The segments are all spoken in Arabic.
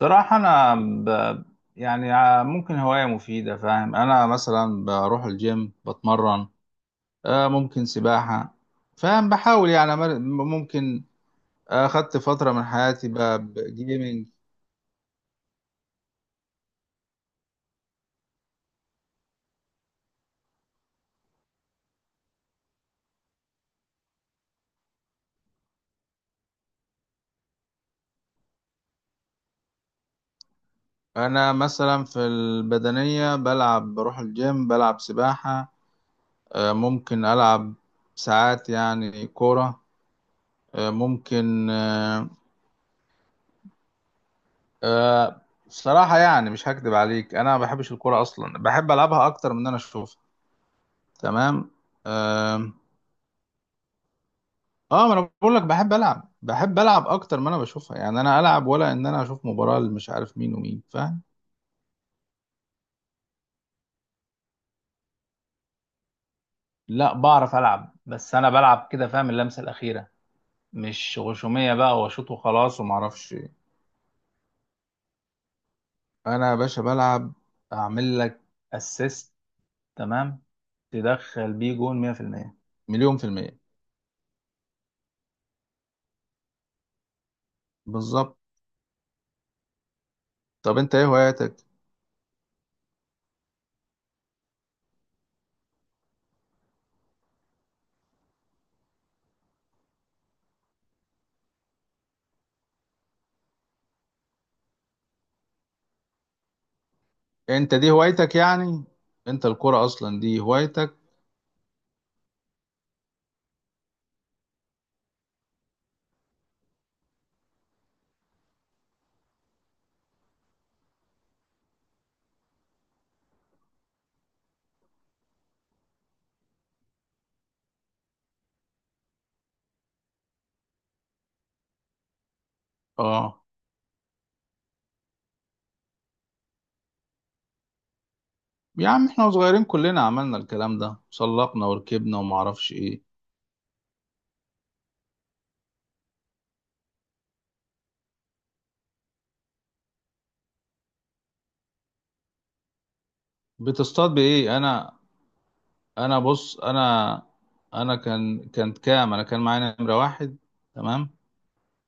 صراحة أنا ممكن هواية مفيدة، فاهم؟ أنا مثلا بروح الجيم بتمرن، ممكن سباحة، فاهم؟ بحاول يعني ممكن، خدت فترة من حياتي بجيمنج. أنا مثلا في البدنية بلعب، بروح الجيم، بلعب سباحة، ممكن ألعب ساعات يعني كورة، آه، ممكن آه، آه، بصراحة يعني مش هكدب عليك، أنا ما بحبش الكورة أصلا، بحب ألعبها أكتر من إن أنا أشوفها. تمام. آم، اه ما انا بقول لك، بحب العب اكتر ما انا بشوفها، يعني انا العب ولا ان انا اشوف مباراة مش عارف مين ومين، فاهم؟ لا، بعرف العب بس انا بلعب كده، فاهم؟ اللمسه الاخيره، مش غشوميه بقى واشوط وخلاص وما اعرفش إيه. انا يا باشا بلعب، اعمل لك اسيست، تمام، تدخل بيه جون، 100%، مليون في المية، بالظبط. طب انت ايه هواياتك؟ انت دي هوايتك يعني؟ انت الكرة اصلا دي هوايتك؟ اه. يا عم احنا صغيرين كلنا عملنا الكلام ده، سلقنا وركبنا وما اعرفش ايه. بتصطاد بايه؟ انا بص انا كان كانت كام انا كان معايا نمره واحد، تمام،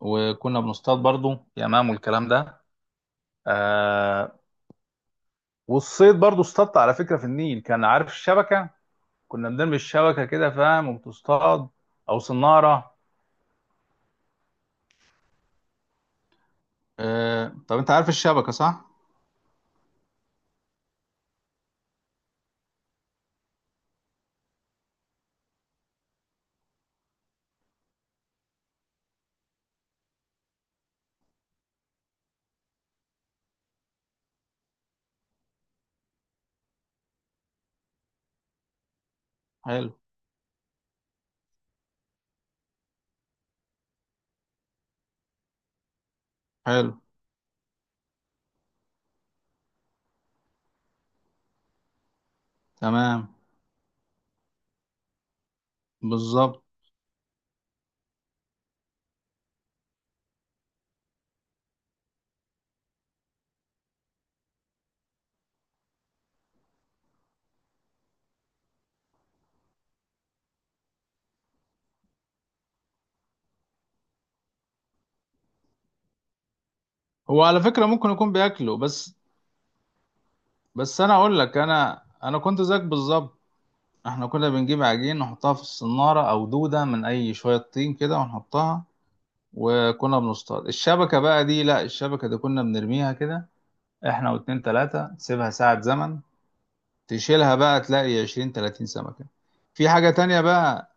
وكنا بنصطاد برضو يمام والكلام ده. آه والصيد برضو اصطادت على فكره في النيل، كان عارف الشبكه؟ كنا بنرمي الشبكه كده فاهم وبتصطاد، او صناره. طب انت عارف الشبكه صح؟ حلو. حلو. تمام. بالظبط. هو على فكرة ممكن يكون بياكله بس. بس انا اقول لك، انا كنت زيك بالظبط. احنا كنا بنجيب عجين نحطها في الصنارة، او دودة من اي شوية طين كده ونحطها. وكنا بنصطاد الشبكة بقى دي، لا الشبكة دي كنا بنرميها كده، احنا واتنين تلاتة، تسيبها ساعة زمن، تشيلها بقى تلاقي 20 30 سمكة. في حاجة تانية بقى.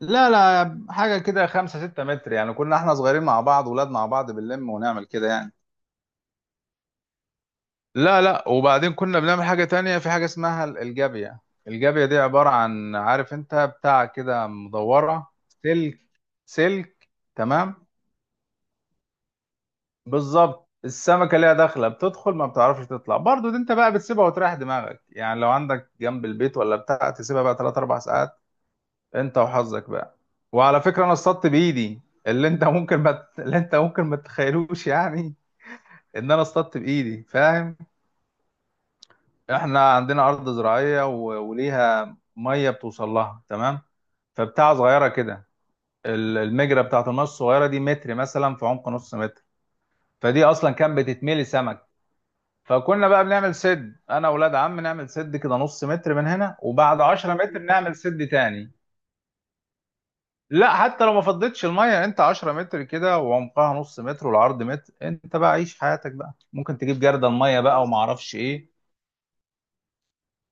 لا لا، حاجة كده 5 6 متر يعني، كنا احنا صغيرين مع بعض، ولاد مع بعض بنلم ونعمل كده يعني. لا لا، وبعدين كنا بنعمل حاجة تانية، في حاجة اسمها الجابية. الجابية دي عبارة عن، عارف انت بتاع كده مدورة، سلك، سلك. تمام، بالظبط. السمكة ليها داخلة، بتدخل ما بتعرفش تطلع، برضو دي انت بقى بتسيبها وتريح دماغك يعني، لو عندك جنب البيت ولا بتاع، تسيبها بقى 3 4 ساعات، انت وحظك بقى. وعلى فكرة انا اصطدت بايدي، اللي انت ممكن ما ت- اللي انت ممكن ما تتخيلوش يعني. ان انا اصطدت بايدي، فاهم؟ احنا عندنا ارض زراعيه وليها ميه بتوصل لها، تمام. فبتاع صغيره كده، المجرى بتاعت الميه الصغيره دي متر مثلا في عمق نص متر. فدي اصلا كانت بتتملي سمك. فكنا بقى بنعمل سد، انا واولاد عم نعمل سد كده، نص متر من هنا وبعد 10 متر نعمل سد تاني. لا، حتى لو ما فضتش الميه، انت 10 متر كده وعمقها نص متر والعرض متر، انت بقى عيش حياتك بقى، ممكن تجيب جردل ميه بقى وما اعرفش ايه.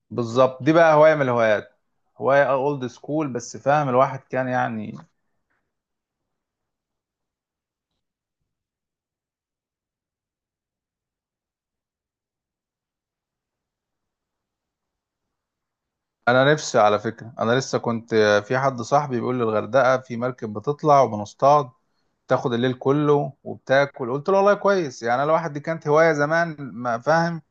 بالظبط. دي بقى هواية من الهوايات، هواية اولد سكول، بس فاهم الواحد كان يعني. انا نفسي، على فكرة انا لسه كنت، في حد صاحبي بيقول لي الغردقة في مركب بتطلع وبنصطاد، تاخد الليل كله وبتاكل، قلت له والله كويس يعني، انا الواحد دي كانت هواية زمان ما فاهم.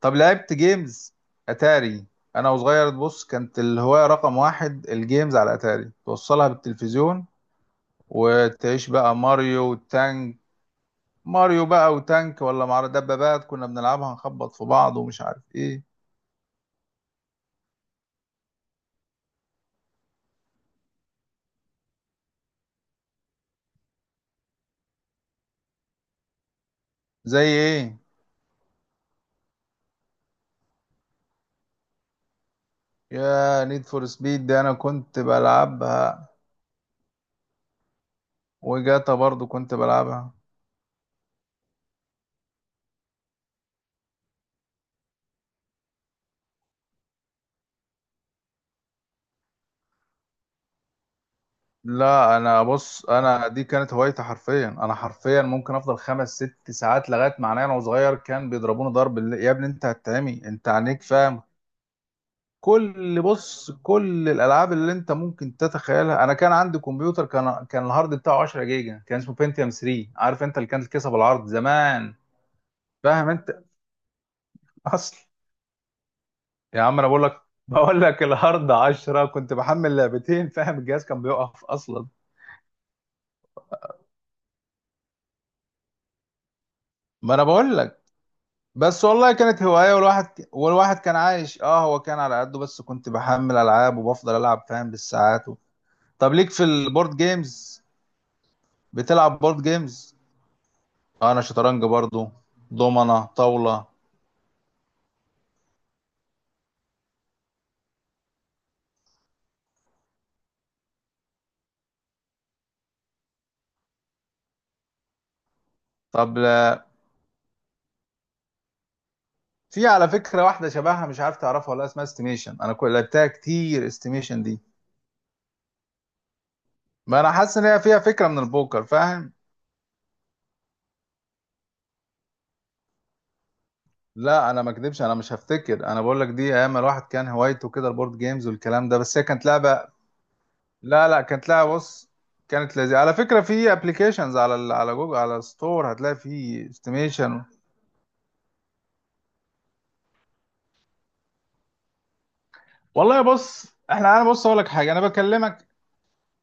طب لعبت جيمز؟ اتاري. انا وصغير بص، كانت الهواية رقم واحد الجيمز على اتاري، توصلها بالتلفزيون، وتعيش بقى ماريو وتانج، ماريو بقى وتانك، ولا مع دبابات كنا بنلعبها نخبط في بعض ومش عارف ايه. زي ايه؟ يا نيد فور سبيد دي انا كنت بلعبها، وجاتا برضو كنت بلعبها. لا انا بص، انا دي كانت هوايتي حرفيا، انا حرفيا ممكن افضل 5 6 ساعات، لغايه معناه انا وصغير كان بيضربوني ضرب يا ابني انت هتتعمي، انت عينيك، فاهم؟ كل الالعاب اللي انت ممكن تتخيلها، انا كان عندي كمبيوتر، كان الهارد بتاعه 10 جيجا، كان اسمه بنتيوم 3، عارف انت اللي كانت الكيسه بالعرض زمان، فاهم انت؟ اصل. يا عم انا بقول لك، الهارد 10، كنت بحمل لعبتين فاهم، الجهاز كان بيقف اصلا. ما انا بقول لك. بس والله كانت هوايه، والواحد كان عايش، اه هو كان على قده بس، كنت بحمل العاب وبفضل العب فاهم، بالساعات طب ليك في البورد جيمز؟ بتلعب بورد جيمز؟ انا شطرنج برضو، دومنة، طاولة. طب لا- في على فكرة واحدة شبهها مش عارف تعرفها، ولا اسمها استيميشن، انا كل لعبتها كتير استيميشن دي. ما انا حاسس ان هي فيها فكرة من البوكر، فاهم؟ لا انا ما اكدبش، انا مش هفتكر، انا بقول لك دي ايام الواحد كان هوايته كده البورد جيمز والكلام ده، بس هي كانت لعبة. لا لا كانت لعبة بص، كانت لذيذة، على فكرة في ابلكيشنز على على جوجل، على ستور هتلاقي فيه استيميشن. والله بص، احنا، انا بص اقول لك حاجة، انا بكلمك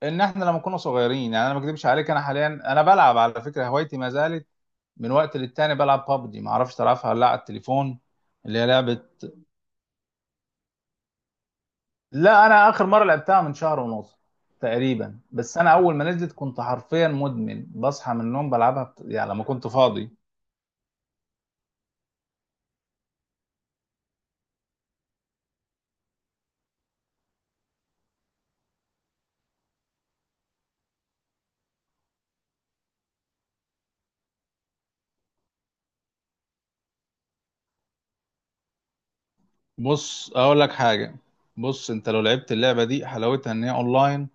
ان احنا لما كنا صغيرين يعني، انا ما اكذبش عليك، انا حاليا انا بلعب، على فكره هوايتي ما زالت، من وقت للتاني بلعب بابجي، ما اعرفش تلعبها ولا لا على التليفون، اللي هي لعبه. لا، انا اخر مره لعبتها من شهر ونص تقريبا، بس انا اول ما نزلت كنت حرفيا مدمن، بصحى من النوم بلعبها يعني لما كنت فاضي. بص اقول لك حاجه. بص انت لو لعبت اللعبه دي، حلاوتها ان هي اونلاين،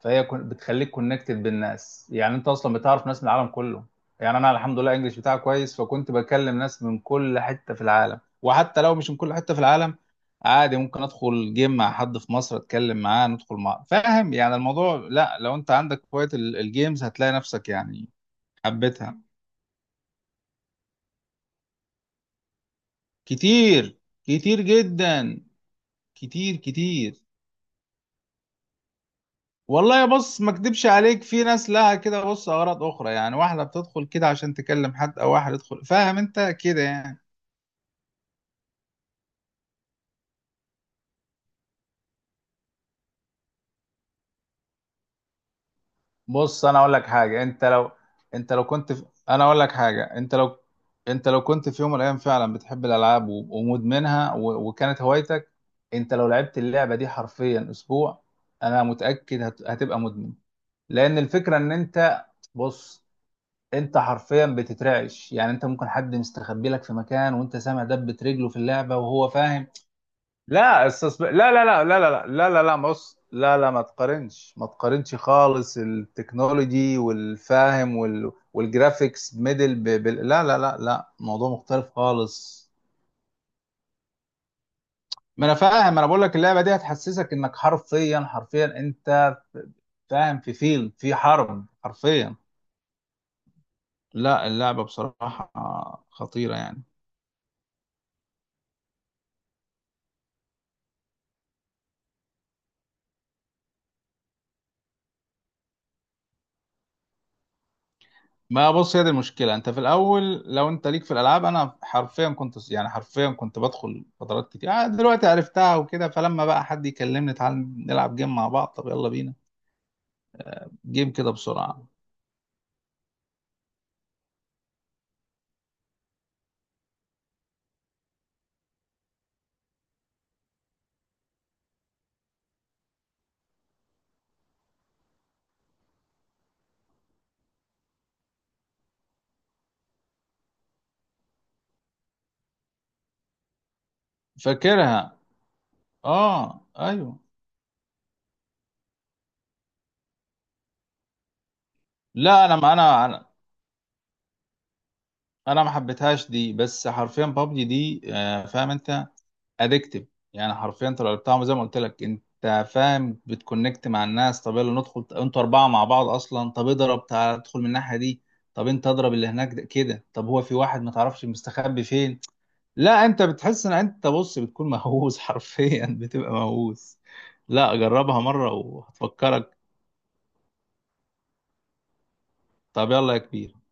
فهي بتخليك كونكتد بالناس، يعني انت اصلا بتعرف ناس من العالم كله. يعني انا الحمد لله انجلش بتاعي كويس، فكنت بكلم ناس من كل حته في العالم، وحتى لو مش من كل حته في العالم، عادي ممكن ادخل جيم مع حد في مصر، اتكلم معاه، ندخل مع فاهم يعني. الموضوع، لا، لو انت عندك هوايه الجيمز، هتلاقي نفسك يعني. حبيتها. كتير، كتير جدا، كتير كتير. والله بص، ما اكدبش عليك، في ناس لها كده بص اغراض اخرى يعني، واحده بتدخل كده عشان تكلم حد، او واحد يدخل فاهم انت كده يعني. بص انا اقول لك حاجه، انت لو انا اقول لك حاجه، انت لو كنت في يوم من الايام فعلا بتحب الالعاب ومدمنها وكانت هوايتك، انت لو لعبت اللعبه دي حرفيا اسبوع، انا متاكد هتبقى مدمن. لان الفكره ان انت، بص انت حرفيا بتترعش، يعني انت ممكن حد مستخبي لك في مكان، وانت سامع دبة رجله في اللعبة وهو، فاهم؟ لا لا لا لا لا لا لا لا لا لا بص، لا لا، ما تقارنش، ما تقارنش خالص، التكنولوجي والفاهم والجرافيكس ميدل لا لا لا لا، موضوع مختلف خالص. ما انا فاهم، انا بقول لك اللعبة دي هتحسسك انك حرفيا، حرفيا انت فاهم، في فيلم، في حرب حرفيا. لا اللعبة بصراحة خطيرة يعني. ما بص هي دي المشكله، انت في الاول لو انت ليك في الالعاب، انا حرفيا كنت يعني، حرفيا كنت بدخل فترات كتير، دلوقتي عرفتها وكده، فلما بقى حد يكلمني تعال نلعب جيم مع بعض، طب يلا بينا جيم كده بسرعه. فاكرها. اه، ايوه. لا انا ما انا، أنا ما حبيتهاش دي، بس حرفيا بابجي دي، فاهم انت، ادكتيف يعني. حرفيا انت لو لعبتها زي ما قلت لك، انت فاهم بتكونكت مع الناس، طب يلا ندخل انتوا اربعه مع بعض اصلا، طب اضرب تعال ادخل من الناحيه دي، طب انت اضرب اللي هناك ده كده، طب هو في واحد ما تعرفش مستخبي فين. لا، انت بتحس ان انت، بص بتكون مهووس حرفيا بتبقى مهووس. لا جربها مره وهتفكرك. طب يلا يا كبير.